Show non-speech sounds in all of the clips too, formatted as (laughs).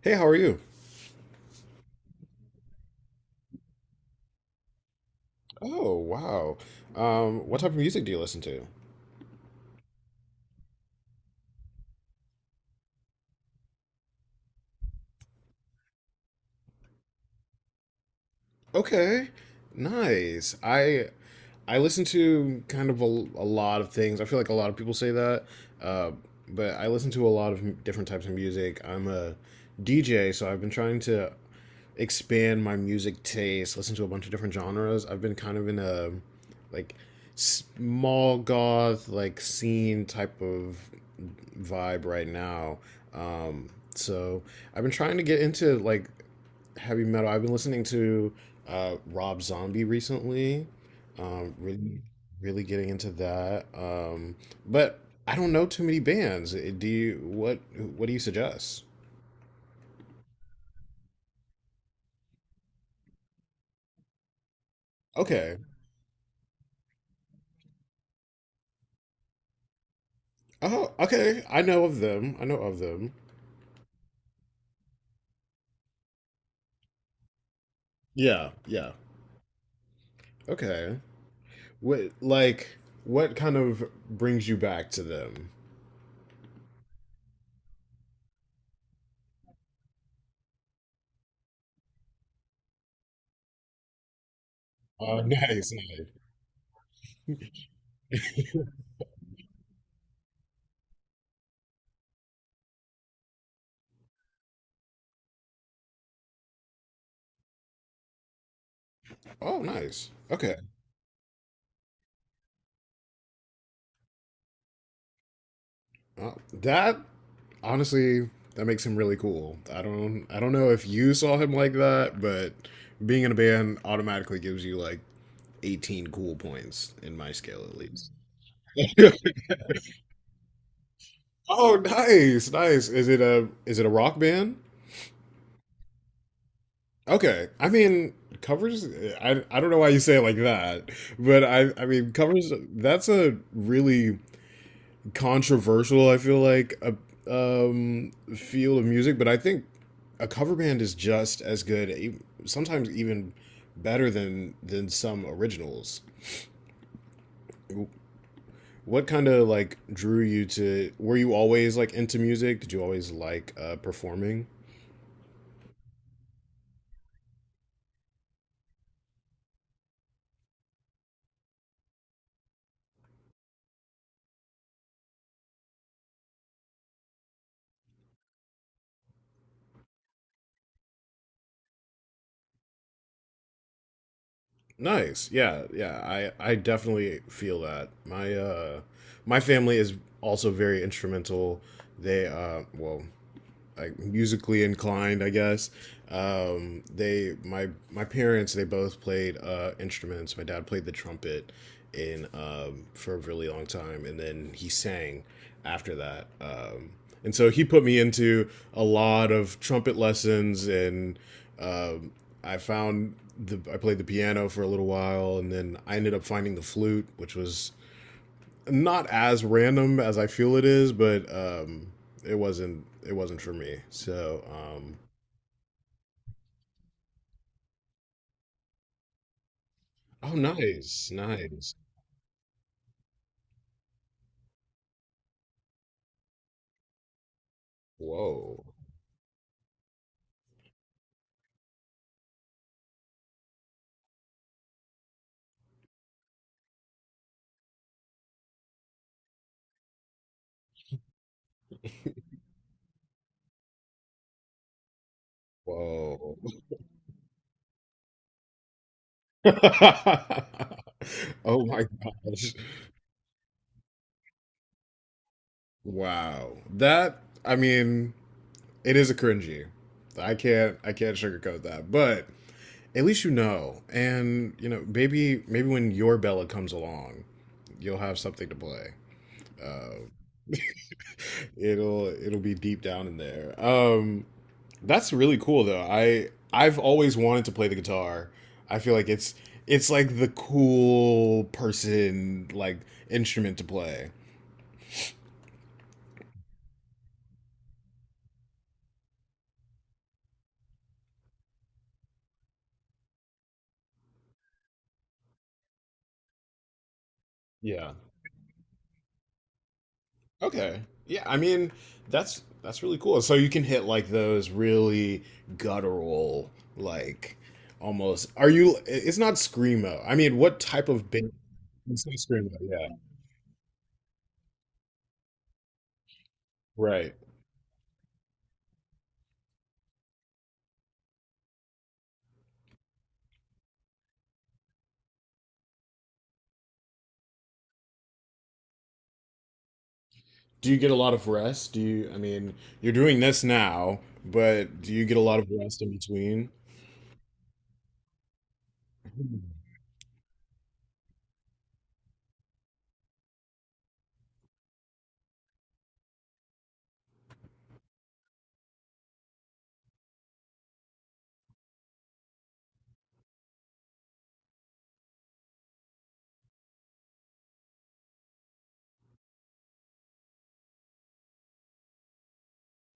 Hey, how are you? Oh, wow. What type of music do you listen to? Okay, nice. I listen to kind of a lot of things. I feel like a lot of people say that, uh, but I listen to a lot of different types of music. I'm a DJ, so I've been trying to expand my music taste, listen to a bunch of different genres. I've been kind of in a like small goth like scene type of vibe right now. Um, so I've been trying to get into like heavy metal. I've been listening to Rob Zombie recently. Um, really, really getting into that. But I don't know too many bands. Do you? What do you suggest? Okay. Oh, okay. I know of them. I know of them. Yeah, yeah. Okay. What what kind of brings you back to them? Oh, (laughs) nice, nice. Oh, nice. Okay. Uh, that honestly that makes him really cool. I don't know if you saw him like that, but being in a band automatically gives you like 18 cool points in my scale at least. (laughs) Oh, nice. Nice. Is it a rock band? Okay. I mean, covers, I don't know why you say it like that, but I mean, covers, that's a really controversial, I feel like, um, field of music, but I think a cover band is just as good, sometimes even better than some originals. What kind of like drew you to, were you always like into music? Did you always like performing? Nice. Yeah, yeah. I definitely feel that. My my family is also very instrumental. They uh well, like musically inclined, I guess. They my my parents they both played instruments. My dad played the trumpet in for a really long time, and then he sang after that. And so he put me into a lot of trumpet lessons, and um, I found the I played the piano for a little while, and then I ended up finding the flute, which was not as random as I feel it is, but it wasn't for me. Oh, nice, nice. Whoa, whoa. (laughs) Oh my gosh! Wow, that I mean, it is a cringy. I can't sugarcoat that, but at least you know, and you know, maybe maybe when your Bella comes along, you'll have something to play. Uh, (laughs) it'll be deep down in there. That's really cool though. I've always wanted to play the guitar. I feel like it's like the cool person like instrument to play. Yeah. Okay. Yeah, I mean that's really cool. So you can hit like those really guttural like almost are you it's not screamo. I mean, what type of band it's not screamo. Yeah. Right. Do you get a lot of rest? Do you, I mean, you're doing this now, but do you get a lot of rest in between?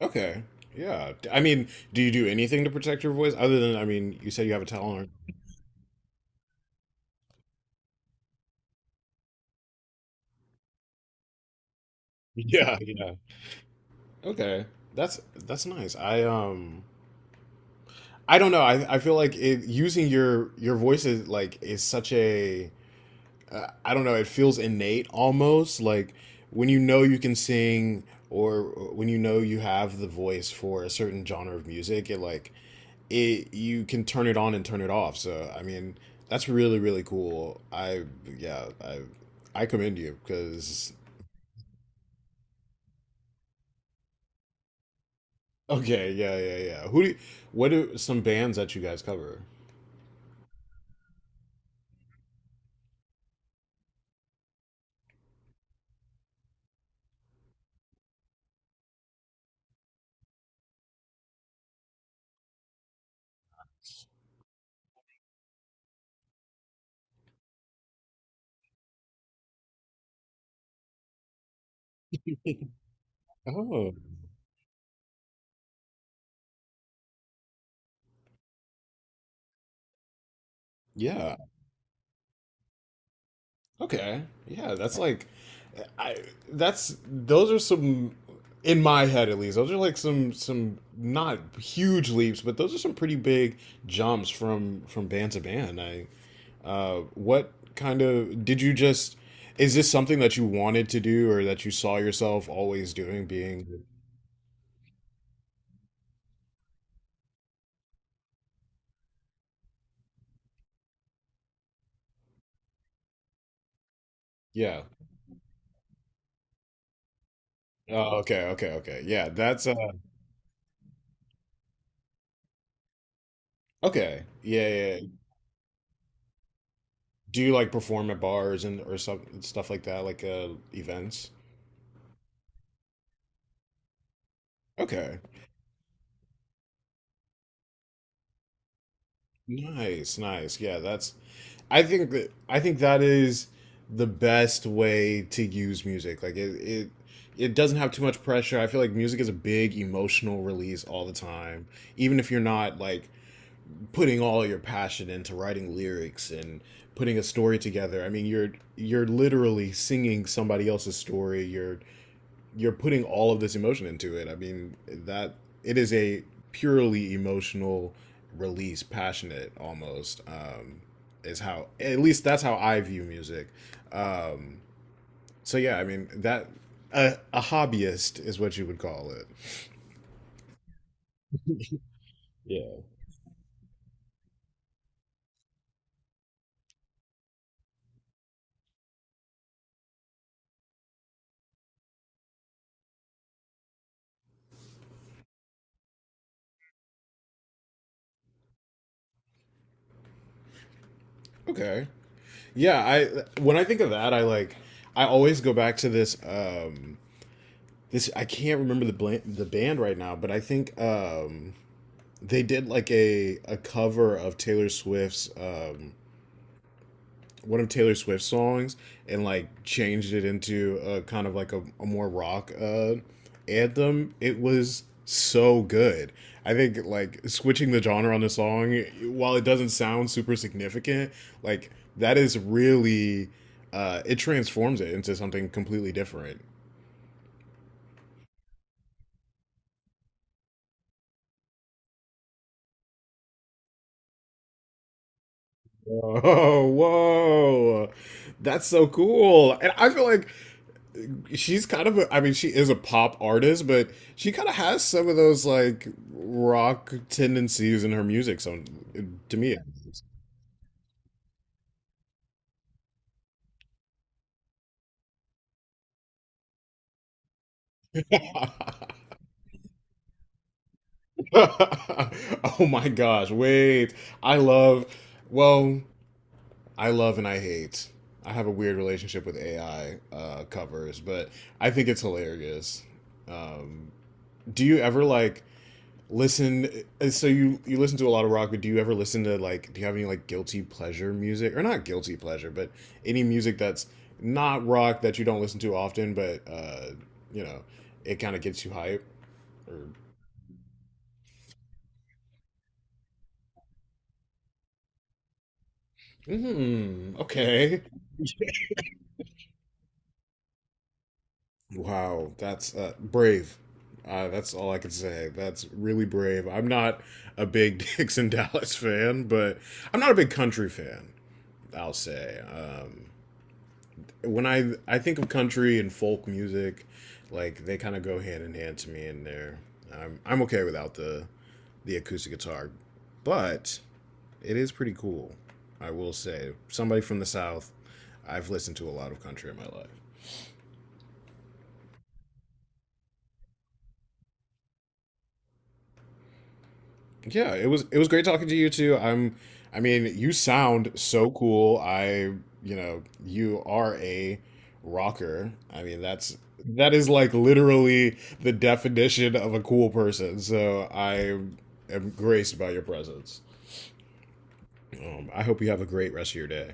Okay. Yeah. I mean, do you do anything to protect your voice other than, I mean, you said you have a talent. (laughs) Yeah, yeah. Okay. That's nice. I don't know. I feel like it using your voice is like is such a I don't know, it feels innate almost like when you know you can sing or when you know you have the voice for a certain genre of music, it you can turn it on and turn it off. So I mean, that's really really cool. Yeah, I I commend you because okay, yeah, yeah, yeah. What are some bands that you guys cover? Oh, yeah, okay. Yeah, that's like I that's those are some in my head at least. Those are like some not huge leaps, but those are some pretty big jumps from band to band. I what kind of did you just is this something that you wanted to do or that you saw yourself always doing being yeah. Oh, okay, okay, okay. Yeah, that's okay. Yeah, yeah. Yeah. Do you like perform at bars and or some stuff like that like events? Okay. Nice, nice. Yeah, that's I think that is the best way to use music. Like it doesn't have too much pressure. I feel like music is a big emotional release all the time. Even if you're not like putting all your passion into writing lyrics and putting a story together. I mean, you're literally singing somebody else's story. You're putting all of this emotion into it. I mean, that it is a purely emotional release, passionate almost. Is how at least that's how I view music. Um, so yeah, I mean that a hobbyist is what you would call it. Okay, yeah. I when I think of that, I always go back to this. I can't remember the the band right now, but I think they did like a cover of Taylor Swift's. One of Taylor Swift's songs and like changed it into a kind of like a more rock anthem. It was so good. I think like switching the genre on the song, while it doesn't sound super significant, like that is really it transforms it into something completely different. (laughs) Whoa, whoa, that's so cool! And I feel like she's kind of a, I mean she is a pop artist but she kind of has some of those like rock tendencies in her music so to me (laughs) oh my gosh wait I love well I love and I hate I have a weird relationship with AI covers but I think it's hilarious um, do you ever like listen so you listen to a lot of rock but do you ever listen to like do you have any like guilty pleasure music or not guilty pleasure but any music that's not rock that you don't listen to often but you know it kind of gets you hype or mm, okay. Wow, that's brave. That's all I can say. That's really brave. I'm not a big (laughs) Dixon Dallas fan, but I'm not a big country fan, I'll say. When I think of country and folk music, like they kind of go hand in hand to me in there. I'm okay without the acoustic guitar, but it is pretty cool. I will say, somebody from the south, I've listened to a lot of country in my life. Yeah, it was great talking to you too. I mean, you sound so cool. I, you know, you are a rocker. I mean, that is like literally the definition of a cool person. So I am graced by your presence. I hope you have a great rest of your day.